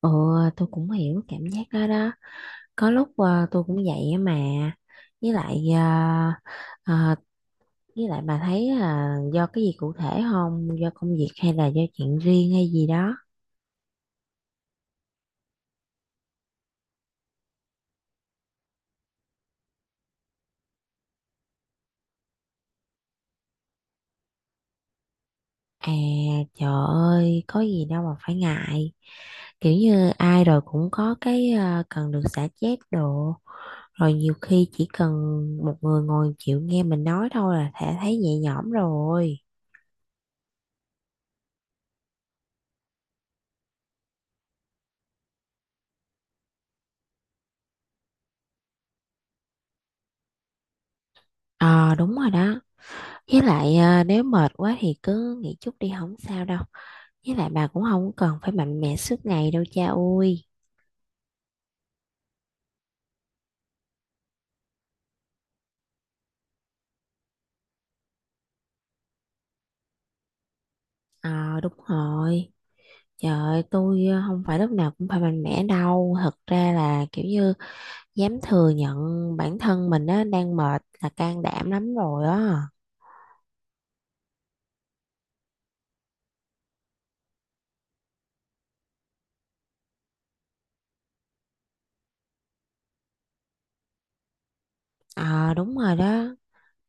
Ừ, tôi cũng hiểu cảm giác đó đó. Có lúc tôi cũng vậy á mà. Với lại ờ, ờ, với lại bà thấy là do cái gì cụ thể không? Do công việc hay là do chuyện riêng hay gì đó? À Trời ơi, có gì đâu mà phải ngại. Kiểu như ai rồi cũng có cái cần được xả stress đồ. Rồi nhiều khi chỉ cần một người ngồi chịu nghe mình nói thôi là thể thấy nhẹ nhõm rồi. Ờ đúng rồi đó. Với lại nếu mệt quá thì cứ nghỉ chút đi không sao đâu. Với lại bà cũng không cần phải mạnh mẽ suốt ngày đâu cha ơi. Ờ đúng rồi. Trời ơi, tôi không phải lúc nào cũng phải mạnh mẽ đâu. Thật ra là kiểu như dám thừa nhận bản thân mình á, đang mệt là can đảm lắm rồi á. Ờ đúng rồi đó.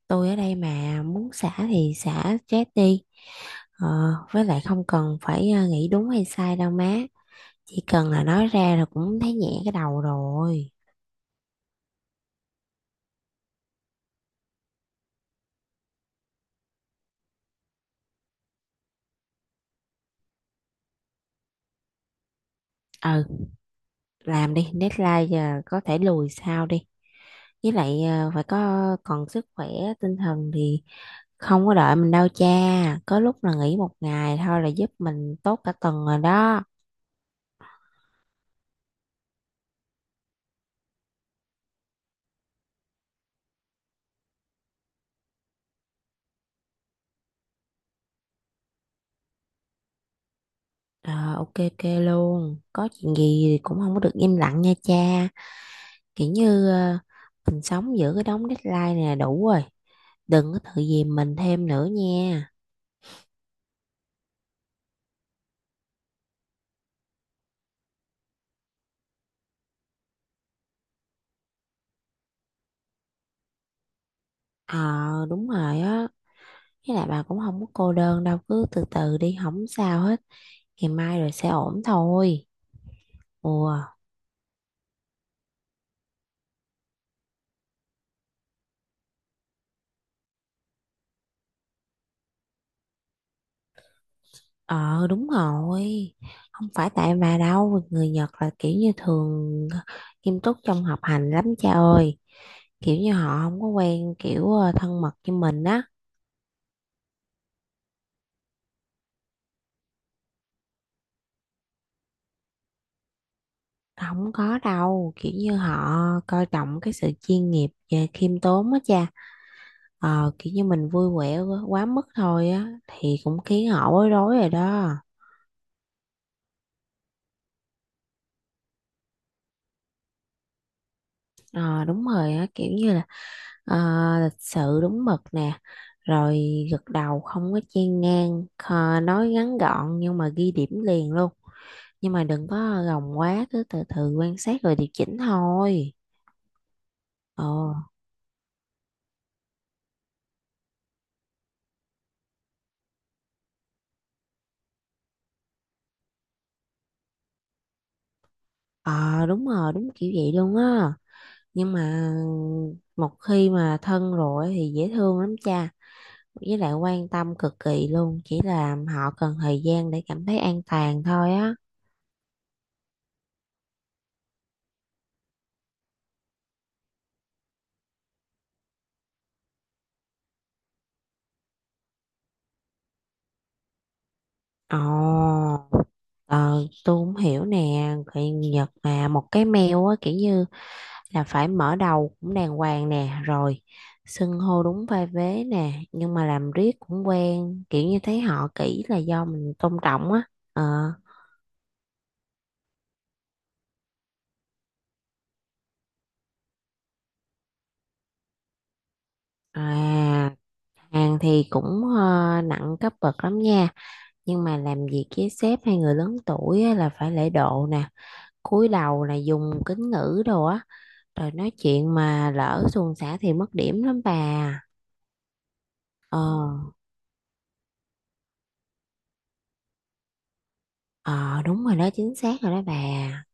Tôi ở đây mà muốn xả thì xả stress đi. Ờ, với lại không cần phải nghĩ đúng hay sai đâu má. Chỉ cần là nói ra là cũng thấy nhẹ cái đầu rồi. Ừ, làm đi, deadline giờ có thể lùi sau đi. Với lại phải có còn sức khỏe tinh thần thì không có đợi mình đâu cha. Có lúc là nghỉ một ngày thôi là giúp mình tốt cả tuần rồi đó. Ờ, ok ok luôn, có chuyện gì thì cũng không có được im lặng nha cha. Kiểu như mình sống giữa cái đống deadline này là đủ rồi, đừng có tự dìm mình thêm nữa nha. Ờ đúng rồi á. Với lại bà cũng không có cô đơn đâu, cứ từ từ đi, không sao hết. Ngày mai rồi sẽ ổn thôi. Ủa, ờ đúng rồi. Không phải tại bà đâu, người Nhật là kiểu như thường nghiêm túc trong học hành lắm cha ơi. Kiểu như họ không có quen kiểu thân mật như mình á. Không có đâu, kiểu như họ coi trọng cái sự chuyên nghiệp và khiêm tốn á cha. Ờ, kiểu như mình vui vẻ quá quá mức thôi á, thì cũng khiến họ bối rối rồi đó. Ờ đúng rồi á, kiểu như là ờ, lịch sự đúng mực nè, rồi gật đầu không có chen ngang. Ờ, nói ngắn gọn nhưng mà ghi điểm liền luôn, nhưng mà đừng có gồng quá, cứ từ từ quan sát rồi điều chỉnh thôi. ờ ờ đúng rồi, đúng kiểu vậy luôn á, nhưng mà một khi mà thân rồi thì dễ thương lắm cha, với lại quan tâm cực kỳ luôn, chỉ là họ cần thời gian để cảm thấy an toàn thôi á. Ồ, ờ, tôi cũng hiểu nè, người Nhật mà một cái mail á kiểu như là phải mở đầu cũng đàng hoàng nè, rồi xưng hô đúng vai vế nè, nhưng mà làm riết cũng quen, kiểu như thấy họ kỹ là do mình tôn trọng á. Ờ, à, Hàn thì cũng nặng cấp bậc lắm nha, nhưng mà làm việc với sếp hay người lớn tuổi á, là phải lễ độ nè, cúi đầu nè, dùng kính ngữ đồ á, rồi nói chuyện mà lỡ suồng sã thì mất điểm lắm bà. Ờ. Ờ đúng rồi đó, chính xác rồi đó bà,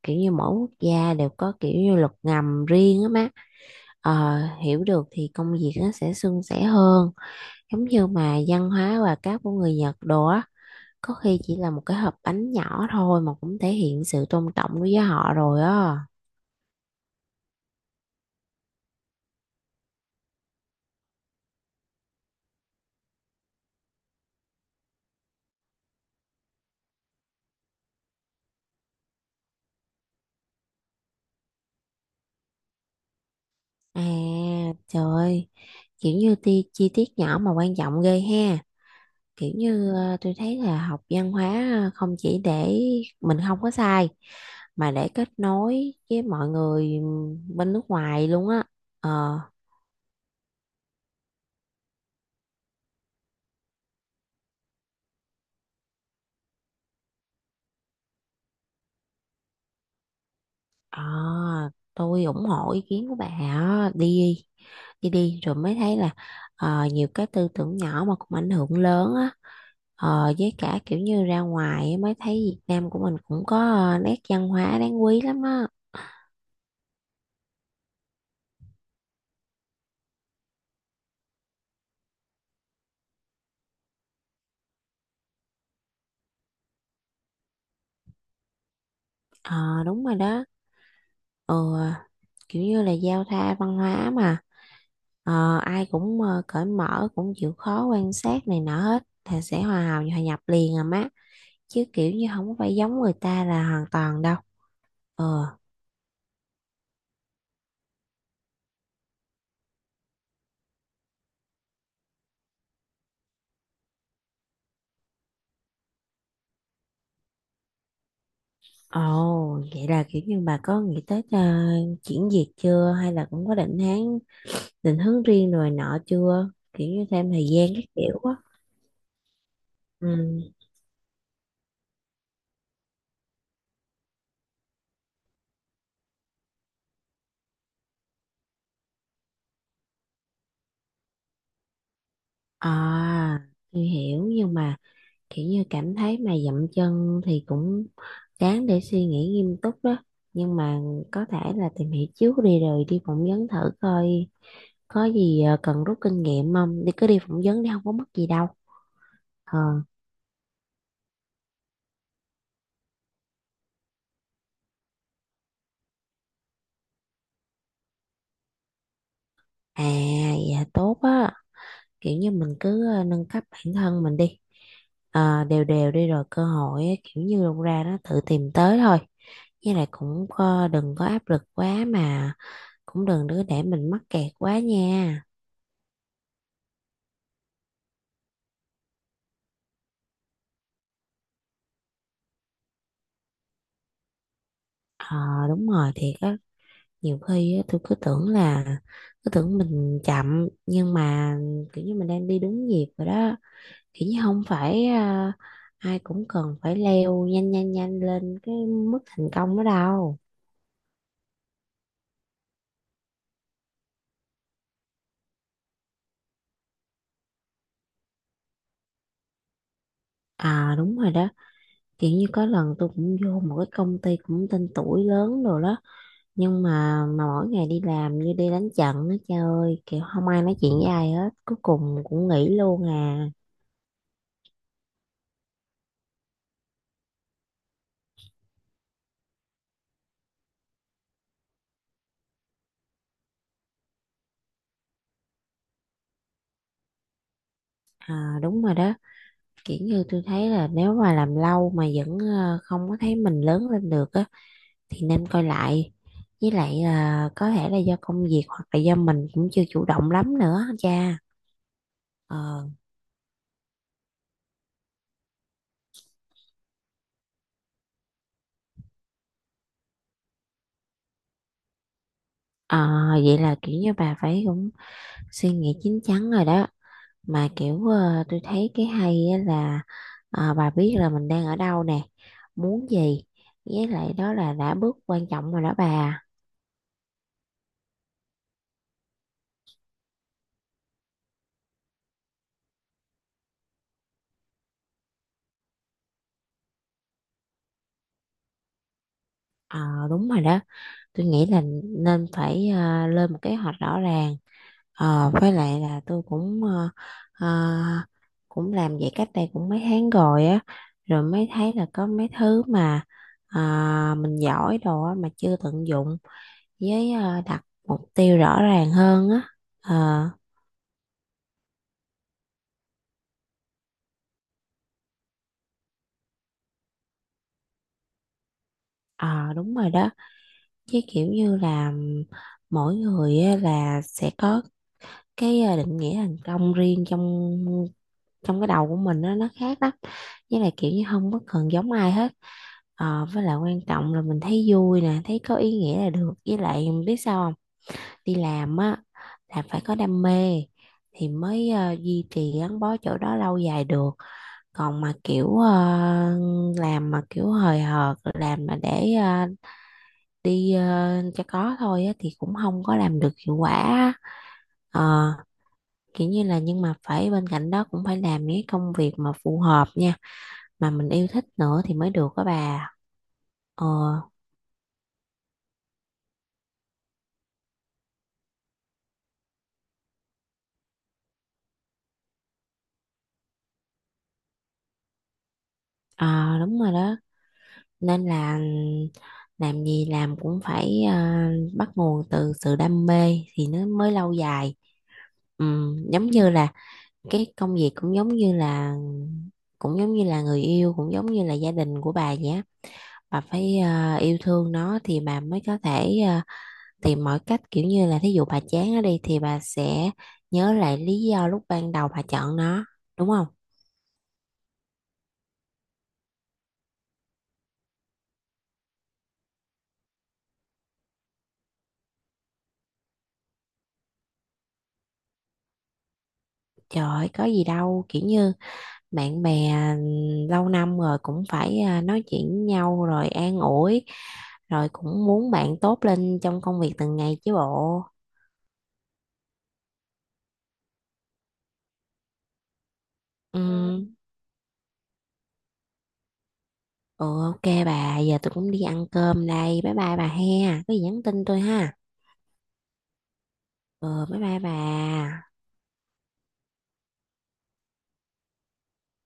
kiểu như mỗi quốc gia đều có kiểu như luật ngầm riêng á má. Ờ, hiểu được thì công việc nó sẽ suôn sẻ hơn, giống như mà văn hóa và các của người Nhật đồ á, có khi chỉ là một cái hộp bánh nhỏ thôi mà cũng thể hiện sự tôn trọng đối với họ rồi á. À trời ơi, kiểu như chi tiết nhỏ mà quan trọng ghê ha. Kiểu như tôi thấy là học văn hóa không chỉ để mình không có sai mà để kết nối với mọi người bên nước ngoài luôn á. ờ À, tôi ủng hộ ý kiến của bà á. Đi đi đi rồi mới thấy là nhiều cái tư tưởng nhỏ mà cũng ảnh hưởng lớn á. Ờ, với cả kiểu như ra ngoài á, mới thấy Việt Nam của mình cũng có nét văn hóa đáng quý lắm á. Ờ đúng rồi đó. Ừ, kiểu như là giao thoa văn hóa mà. Ờ, ai cũng cởi mở, cũng chịu khó quan sát này nọ hết thì sẽ hòa nhập liền à má, chứ kiểu như không có phải giống người ta là hoàn toàn đâu. ờ Ồ, vậy là kiểu như bà có nghĩ tới chuyển việc chưa, hay là cũng có định hướng riêng rồi nọ chưa, kiểu như thêm thời gian các kiểu á? ừ à tôi hiểu, nhưng mà kiểu như cảm thấy mà dậm chân thì cũng đáng để suy nghĩ nghiêm túc đó, nhưng mà có thể là tìm hiểu trước đi, rồi đi phỏng vấn thử coi có gì cần rút kinh nghiệm không, đi cứ đi phỏng vấn đi không có mất gì đâu. ờ à dạ tốt á, kiểu như mình cứ nâng cấp bản thân mình đi. Ờ, đều đều đi rồi cơ hội á, kiểu như đâu ra nó tự tìm tới thôi. Với lại cũng có, đừng có áp lực quá mà cũng đừng đứa để mình mắc kẹt quá nha. Ờ đúng rồi, thiệt á. Nhiều khi á, tôi cứ tưởng mình chậm, nhưng mà kiểu như mình đang đi đúng nhịp rồi đó, kiểu như không phải ai cũng cần phải leo nhanh nhanh nhanh lên cái mức thành công đó đâu. À đúng rồi đó, kiểu như có lần tôi cũng vô một cái công ty cũng tên tuổi lớn rồi đó, nhưng mà mỗi ngày đi làm như đi đánh trận á, trời ơi, kiểu không ai nói chuyện với ai hết, cuối cùng cũng nghỉ luôn à. À đúng rồi đó, kiểu như tôi thấy là nếu mà làm lâu mà vẫn không có thấy mình lớn lên được á thì nên coi lại, với lại là có thể là do công việc hoặc là do mình cũng chưa chủ động lắm nữa cha. ờ Ờ, vậy là kiểu như bà phải cũng suy nghĩ chín chắn rồi đó. Mà kiểu tôi thấy cái hay á là bà biết là mình đang ở đâu nè, muốn gì, với lại đó là đã bước quan trọng rồi đó bà. Ờ đúng rồi đó, tôi nghĩ là nên phải lên một kế hoạch rõ ràng. Ờ, với lại là tôi cũng ờ, cũng làm vậy cách đây cũng mấy tháng rồi á, rồi mới thấy là có mấy thứ mà ờ, mình giỏi đồ á mà chưa tận dụng, với đặt mục tiêu rõ ràng hơn á. ờ ờ, đúng rồi đó, chứ kiểu như là mỗi người á, là sẽ có cái định nghĩa thành công riêng trong trong cái đầu của mình á, nó khác lắm, với lại kiểu như không có cần giống ai hết. Ờ, với lại quan trọng là mình thấy vui nè, thấy có ý nghĩa là được. Với lại biết sao không? Đi làm á là phải có đam mê thì mới duy trì gắn bó chỗ đó lâu dài được. Còn mà kiểu làm mà kiểu hời hợt, làm mà để cho có thôi á thì cũng không có làm được hiệu quả á. Ờ, kiểu như là nhưng mà phải bên cạnh đó cũng phải làm những cái công việc mà phù hợp nha, mà mình yêu thích nữa thì mới được đó bà. Ờ, à, đúng rồi đó. Nên là làm gì làm cũng phải bắt nguồn từ sự đam mê thì nó mới lâu dài. Giống như là cái công việc cũng giống như là người yêu, cũng giống như là gia đình của bà vậy á, bà phải yêu thương nó thì bà mới có thể tìm mọi cách, kiểu như là thí dụ bà chán nó đi thì bà sẽ nhớ lại lý do lúc ban đầu bà chọn nó, đúng không? Trời ơi, có gì đâu, kiểu như bạn bè lâu năm rồi cũng phải nói chuyện với nhau rồi an ủi, rồi cũng muốn bạn tốt lên trong công việc từng ngày chứ bộ. ừ ừ, ok bà, giờ tôi cũng đi ăn cơm đây, bye bye bà he, có gì nhắn tin tôi ha. Ừ bye bye bà.